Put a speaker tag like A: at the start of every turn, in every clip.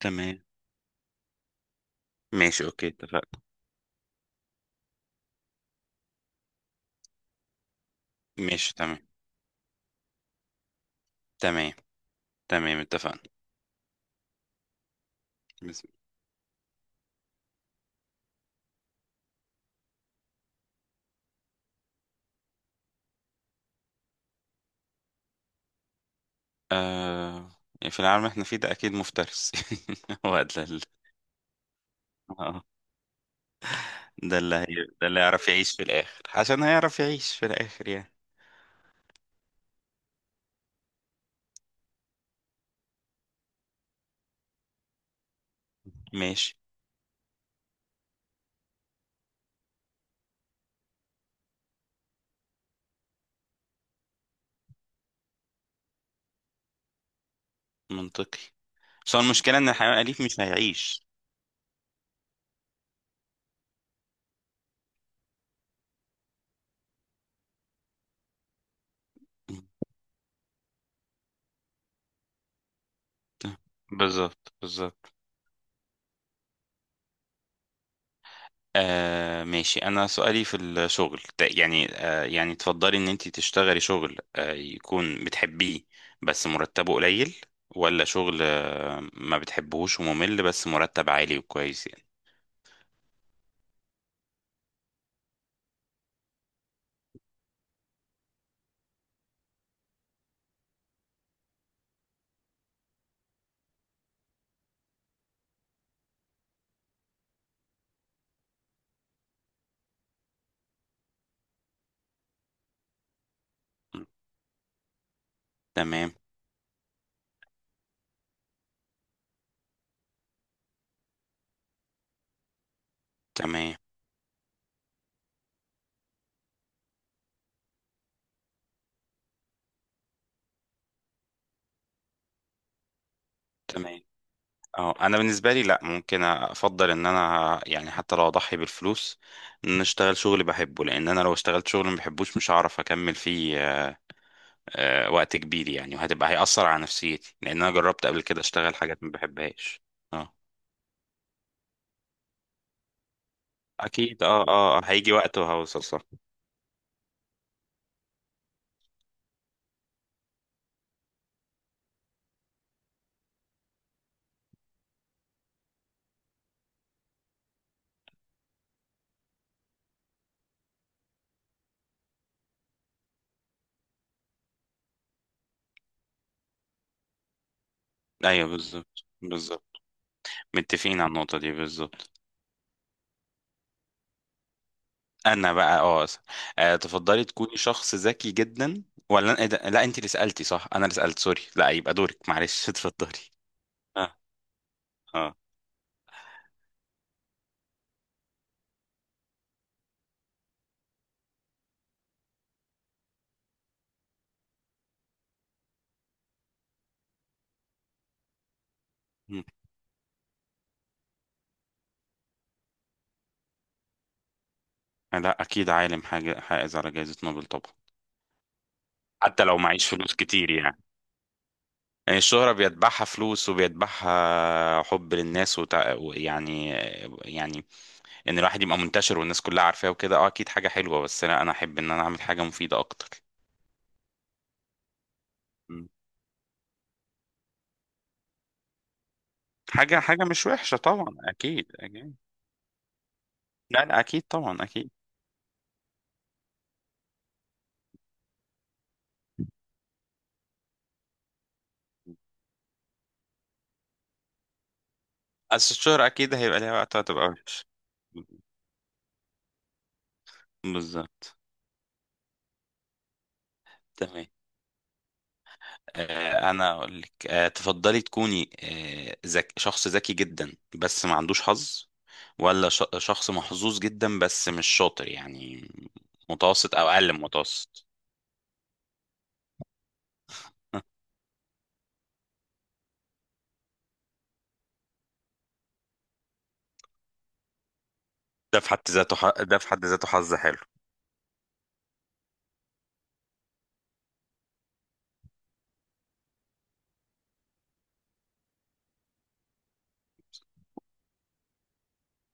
A: تمام. ماشي، اوكي، اتفقنا. ماشي، تمام. تمام. تمام، اتفقنا. بس آه في العالم اللي احنا فيه ده اكيد مفترس. هو ده ال- آه، ده ده اللي يعرف يعيش في الاخر، عشان هيعرف يعيش في الاخر يعني. ماشي. منطقي. بس هو المشكلة ان الحيوان الأليف مش هيعيش. بالظبط، بالظبط. ماشي. أنا سؤالي في الشغل تفضلي إن أنت تشتغلي شغل يكون بتحبيه بس مرتبه قليل، ولا شغل ما بتحبهوش وممل بس مرتب عالي وكويس يعني؟ م. تمام. تمام. تمام اه، انا بالنسبه لي لا، ممكن افضل ان انا يعني حتى لو اضحي بالفلوس، ان أنا اشتغل شغل بحبه، لان انا لو اشتغلت شغل ما بحبوش مش هعرف اكمل فيه وقت كبير يعني، هيأثر على نفسيتي، لأن أنا جربت قبل كده أشتغل حاجات ما بحبهاش. اه أكيد، اه اه، هيجي وقت وهوصل، صح. أيوه بالظبط، بالظبط. متفقين على النقطة دي بالظبط. أنا بقى تفضلي تكوني شخص ذكي جدا ولا إيه ده؟ لا، أنت اللي سألتي صح، أنا اللي سألت، سوري. لا يبقى دورك، معلش. اتفضلي. اه، اه. مم. لا أكيد عالم، حاجة حائز على جائزة نوبل طبعا. حتى لو معيش فلوس كتير يعني. يعني الشهرة بيتبعها فلوس وبيتبعها حب للناس وتع... يعني يعني ان الواحد يبقى منتشر والناس كلها عارفاه وكده، اه اكيد حاجة حلوة، بس لا انا احب ان انا اعمل حاجة مفيدة اكتر. مم. حاجة، حاجة مش وحشة طبعا، اكيد اكيد. لا لا، اكيد طبعا، اكيد. بس الشهرة اكيد هيبقى ليها وقت هتبقى وحش. بالظبط. تمام. انا اقول لك، تفضلي تكوني شخص ذكي جدا بس ما عندوش حظ، ولا شخص محظوظ جدا بس مش شاطر يعني، متوسط او اقل من متوسط؟ ده في حد ذاته ده في حد ذاته حظ حلو.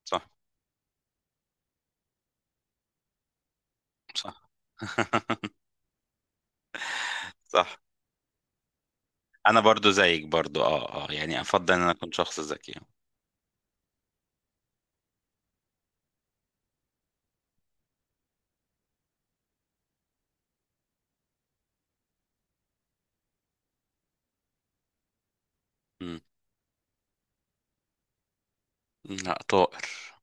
A: صح. صح. صح. انا برضو زيك برضو، اه اه، يعني افضل ان انا اكون شخص ذكي. مم. لا، طائر.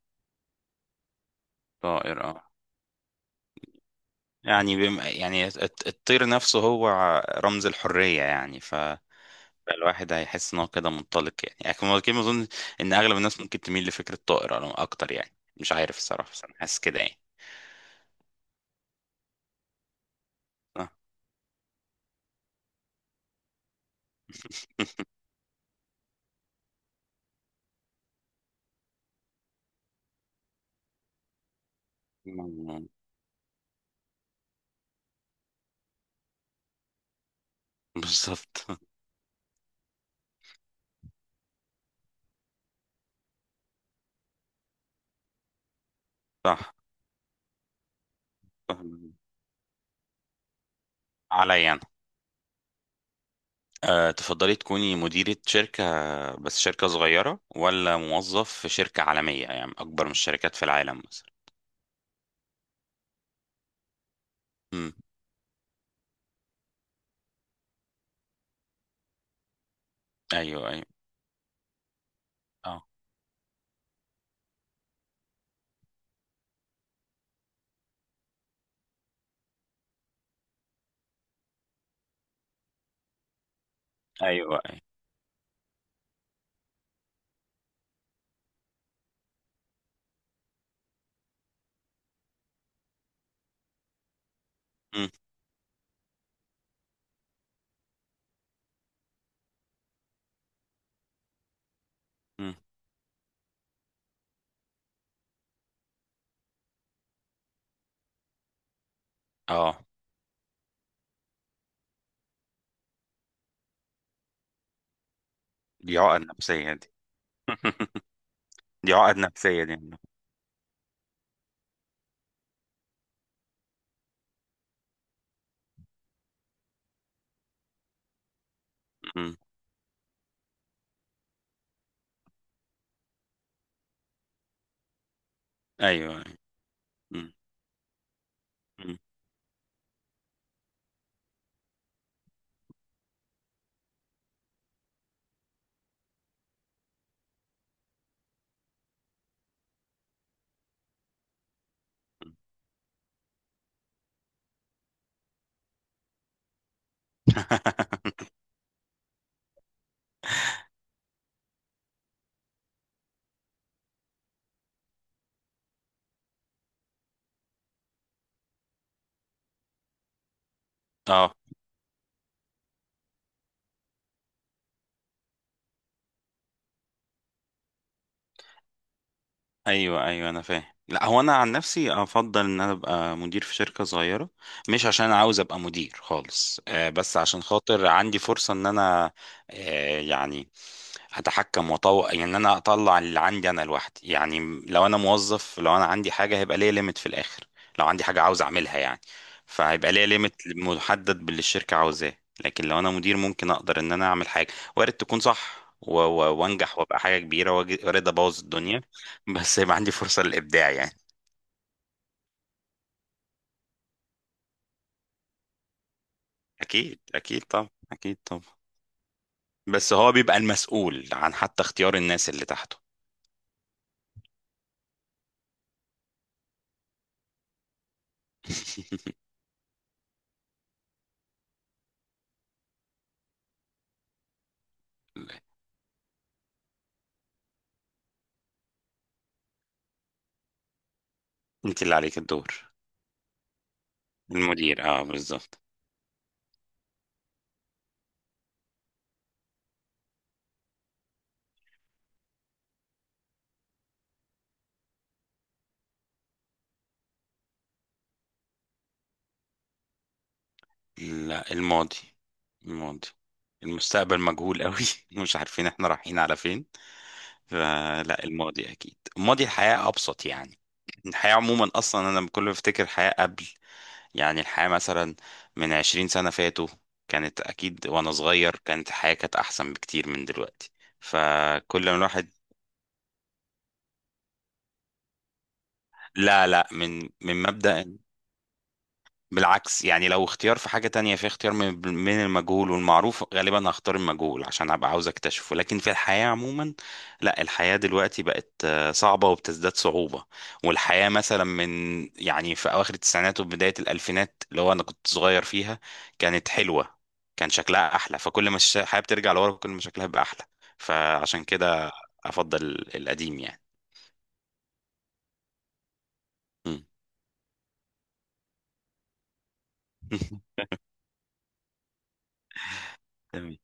A: طائر اه. يعني الطير نفسه هو رمز الحرية يعني، ف الواحد هيحس ان هو كده منطلق يعني، يعني كده اظن ان اغلب الناس ممكن تميل لفكره طائر، أنا اكتر يعني. مش عارف الصراحه، بس انا حاسس كده يعني. صح. مم. بالظبط. صح. صح. عليا انا. أه تفضلي تكوني مديرة شركة، بس شركة صغيرة، ولا موظف في شركة عالمية يعني أكبر من الشركات في العالم مثلا؟ امم. أيوه، أيوه. أه. أيوه، أيوه. امم. امم. أه. دي عقد نفسية دي. دي عقد نفسية دي. امم. أيوه. أيوه. امم. ايوه، ايوه انا فاهم. لا هو انا عن نفسي افضل ان انا ابقى مدير في شركه صغيره. مش عشان أنا عاوز ابقى مدير خالص، بس عشان خاطر عندي فرصه ان انا، آه، يعني اتحكم واطور يعني، ان انا اطلع اللي عندي انا لوحدي يعني. لو انا موظف، لو انا عندي حاجه هيبقى ليا ليميت في الاخر. لو عندي حاجه عاوز اعملها يعني، فهيبقى ليا ليميت محدد باللي الشركه عاوزاه. لكن لو انا مدير ممكن اقدر ان انا اعمل حاجه، وارد تكون صح وانجح وابقى حاجه كبيره، وارد ابوظ الدنيا. بس يبقى عندي فرصة للإبداع يعني. أكيد أكيد، طبعا أكيد طبعا. بس هو بيبقى المسؤول عن حتى اختيار الناس اللي تحته. أنت اللي عليك الدور. المدير، أه بالظبط. لا، الماضي. الماضي. المستقبل مجهول قوي. مش عارفين احنا رايحين على فين. فلا الماضي، أكيد الماضي، الحياة أبسط يعني. الحياة عموما، أصلا أنا كل ما بفتكر الحياة قبل، يعني الحياة مثلا من 20 سنة فاتوا، كانت أكيد وأنا صغير كانت الحياة كانت أحسن بكتير من دلوقتي. فكل ما الواحد... لا لا، من من مبدأ، بالعكس يعني، لو اختيار في حاجة تانية، في اختيار من من المجهول والمعروف غالبا هختار المجهول عشان هبقى عاوز اكتشفه. لكن في الحياة عموما لا، الحياة دلوقتي بقت صعبة وبتزداد صعوبة. والحياة مثلا من، يعني في أواخر التسعينات وبداية الألفينات اللي هو أنا كنت صغير فيها، كانت حلوة. كان شكلها أحلى. فكل ما الش- الحياة بترجع لورا كل ما شكلها بيبقى أحلى. فعشان كده أفضل القديم يعني. مم. تمام.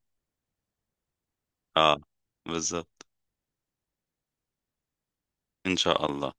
A: اه بالظبط. إن شاء الله.